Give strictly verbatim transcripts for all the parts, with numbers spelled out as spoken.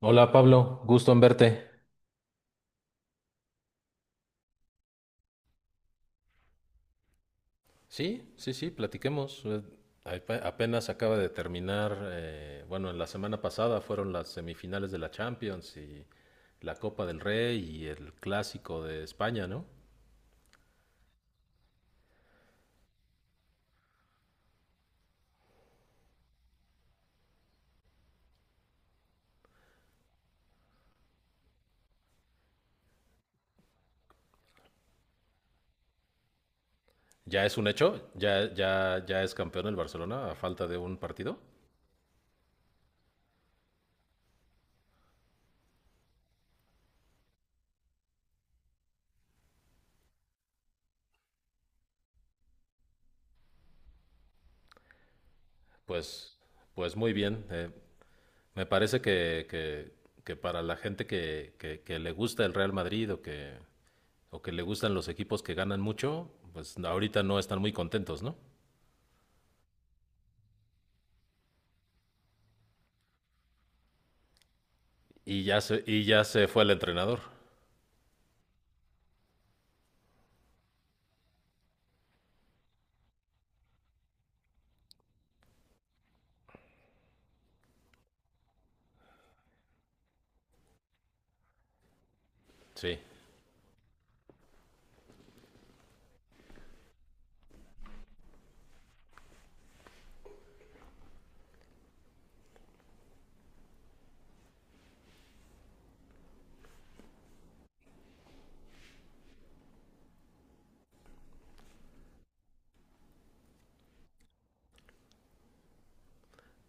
Hola Pablo, gusto en verte. Sí, sí, sí, platiquemos. Eh, ape- Apenas acaba de terminar, eh, bueno, la semana pasada fueron las semifinales de la Champions y la Copa del Rey y el Clásico de España, ¿no? Ya es un hecho, ya, ya, ya es campeón el Barcelona a falta de un partido. Pues, pues muy bien. Eh, me parece que, que- que para la gente que, que que le gusta el Real Madrid o que o que le gustan los equipos que ganan mucho, pues ahorita no están muy contentos, ¿no? Y ya se, y ya se fue el entrenador, sí.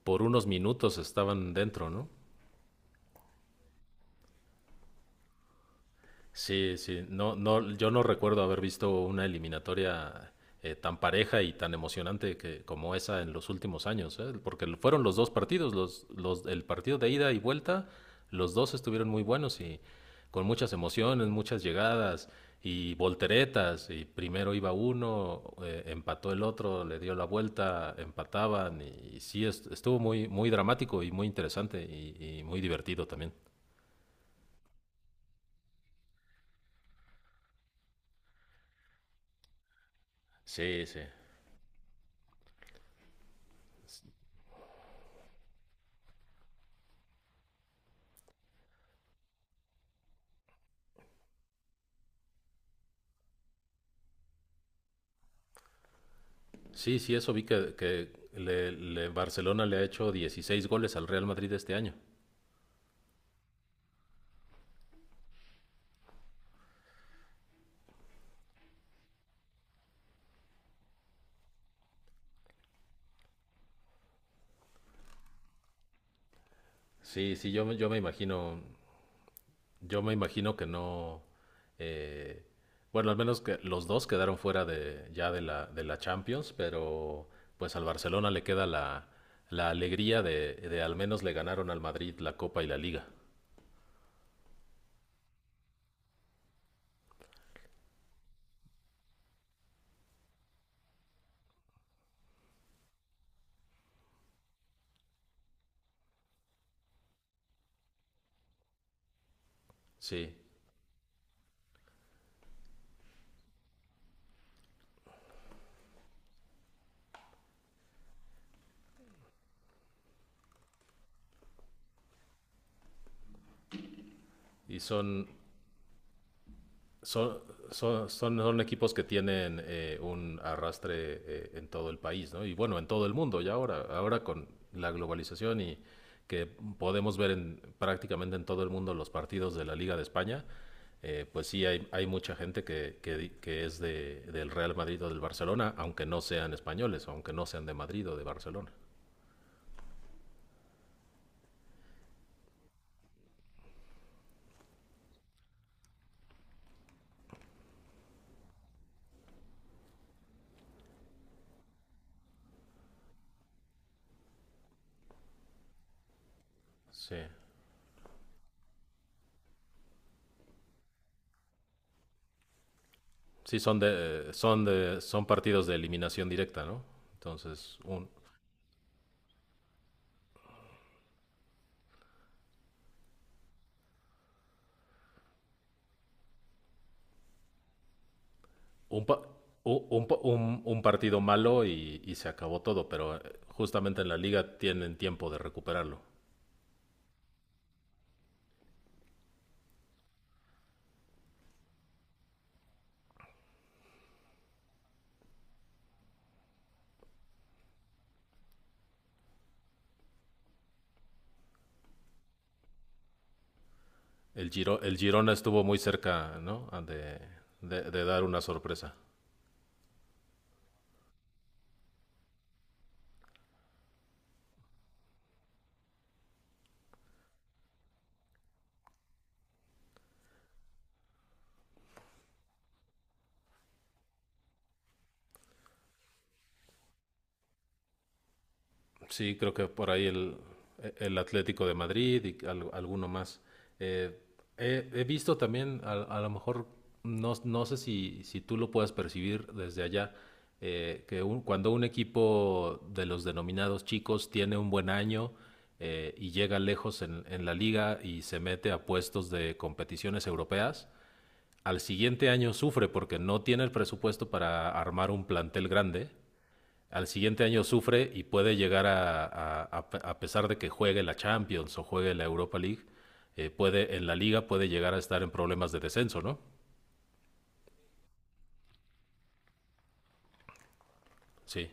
Por unos minutos estaban dentro, ¿no? Sí, sí, no, no, yo no recuerdo haber visto una eliminatoria eh, tan pareja y tan emocionante que, como esa en los últimos años, ¿eh? Porque lo- fueron los dos partidos, los, los, el partido de ida y vuelta, los dos estuvieron muy buenos y con muchas emociones, muchas llegadas y volteretas, y primero iba uno, eh, empató el otro, le dio la vuelta, empataban, y, y sí, est- estuvo muy, muy dramático y muy interesante y, y muy divertido también. Sí, sí. Sí, sí, eso vi que, que le, le- Barcelona le ha hecho dieciséis goles al Real Madrid este año. Sí, sí, yo, me- yo me imagino, yo me imagino que no, eh, bueno, al menos que los dos quedaron fuera de, ya de la, de la Champions, pero pues al Barcelona le queda la, la alegría de, de al menos le ganaron al Madrid la Copa y la Liga. Sí, y son, Son, son, son, son equipos que tienen eh, un arrastre eh, en todo el país, ¿no? Y bueno, en todo el mundo ya ahora, ahora con la globalización y que podemos ver en, prácticamente en todo el mundo los partidos de la Liga de España, eh, pues sí hay, hay mucha gente que, que, di- que es de, del Real Madrid o del Barcelona, aunque no sean españoles, aunque no sean de Madrid o de Barcelona. Sí, sí son de, son de, son partidos de eliminación directa, ¿no? Entonces, un, Un, pa- u- un pa- un- un partido malo y, y se acabó todo, pero eh, justamente en la liga tienen tiempo de recuperarlo. El Giro, el Girona estuvo muy cerca, ¿no? Ah, De, de- de dar una sorpresa. Sí, creo que por ahí el, el Atlético de Madrid y al- alguno más. Eh, he, he visto también, a, a lo mejor, no, no sé si, si tú lo puedas percibir desde allá, eh, que un- cuando un equipo de los denominados chicos tiene un buen año eh, y llega lejos en, en la liga y se mete a puestos de competiciones europeas, al siguiente año sufre porque no tiene el presupuesto para armar un plantel grande al siguiente año sufre y puede llegar a, a, a- a pesar de que juegue la Champions o juegue la Europa League, eh, puede, en la liga puede llegar a estar en problemas de descenso, ¿no? Sí,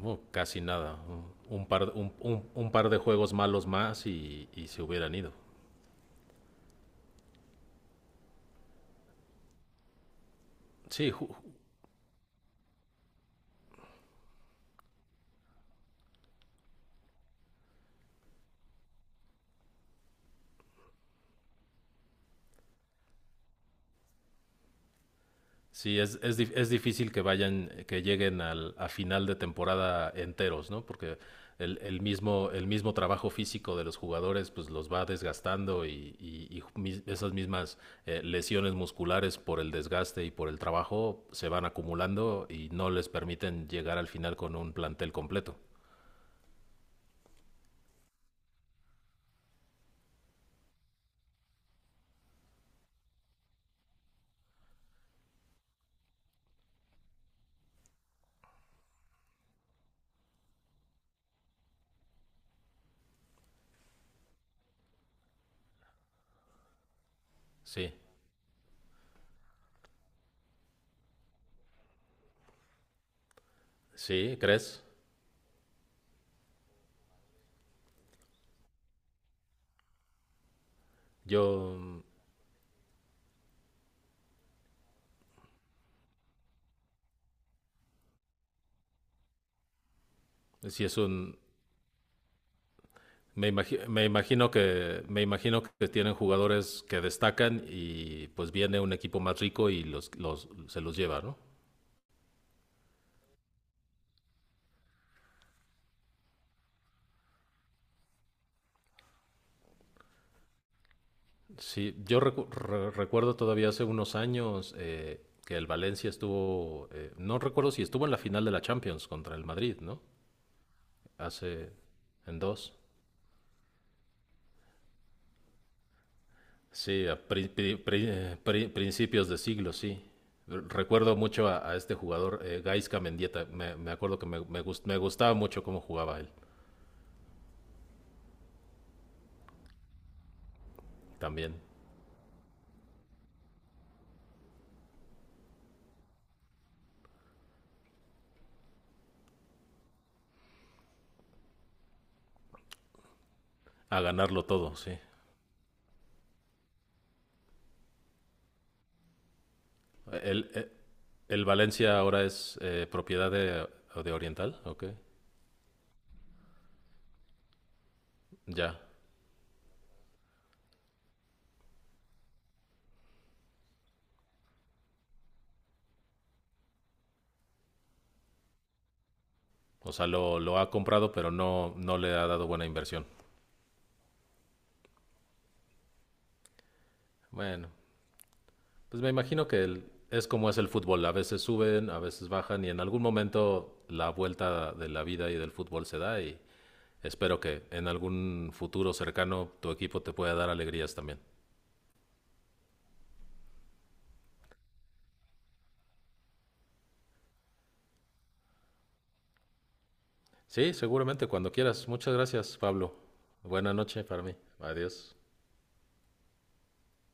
no, casi nada. Un, un par, un, un- un par de juegos malos más y, y se hubieran ido. Sí, ju- Sí, es, es, dif- es difícil que vayan, que lleguen al, a final de temporada enteros, ¿no? Porque el, el mismo, el mismo trabajo físico de los jugadores pues los va desgastando y, y- y mis- esas mismas eh, lesiones musculares por el desgaste y por el trabajo se van acumulando y no les permiten llegar al final con un plantel completo. Sí, sí, ¿crees? Yo, mm, sí es un. Me, imagi- me imagino que me imagino que tienen jugadores que destacan y pues viene un equipo más rico y los, los se los lleva, ¿no? Sí, yo recu- re- recuerdo todavía hace unos años eh, que el Valencia estuvo, eh, no recuerdo si estuvo en la final de la Champions contra el Madrid, ¿no? Hace en dos. Sí, a pri- pri- pri- eh, pri- principios de siglo, sí. Re- Recuerdo mucho a, a este jugador, eh, Gaisca Mendieta. Me, me acuerdo que me, me gust- me gustaba mucho cómo jugaba él también. A ganarlo todo, sí. El, el, el Valencia ahora es eh, propiedad de, de, Oriental, ok. Ya. O sea, lo, lo, ha comprado, pero no, no le ha dado buena inversión. Bueno, pues me imagino que el, es como es el fútbol. A veces suben, a veces bajan y en algún momento la vuelta de la vida y del fútbol se da y espero que en algún futuro cercano tu equipo te pueda dar alegrías también. Sí, seguramente, cuando quieras. Muchas gracias, Pablo. Buena noche para mí. Adiós.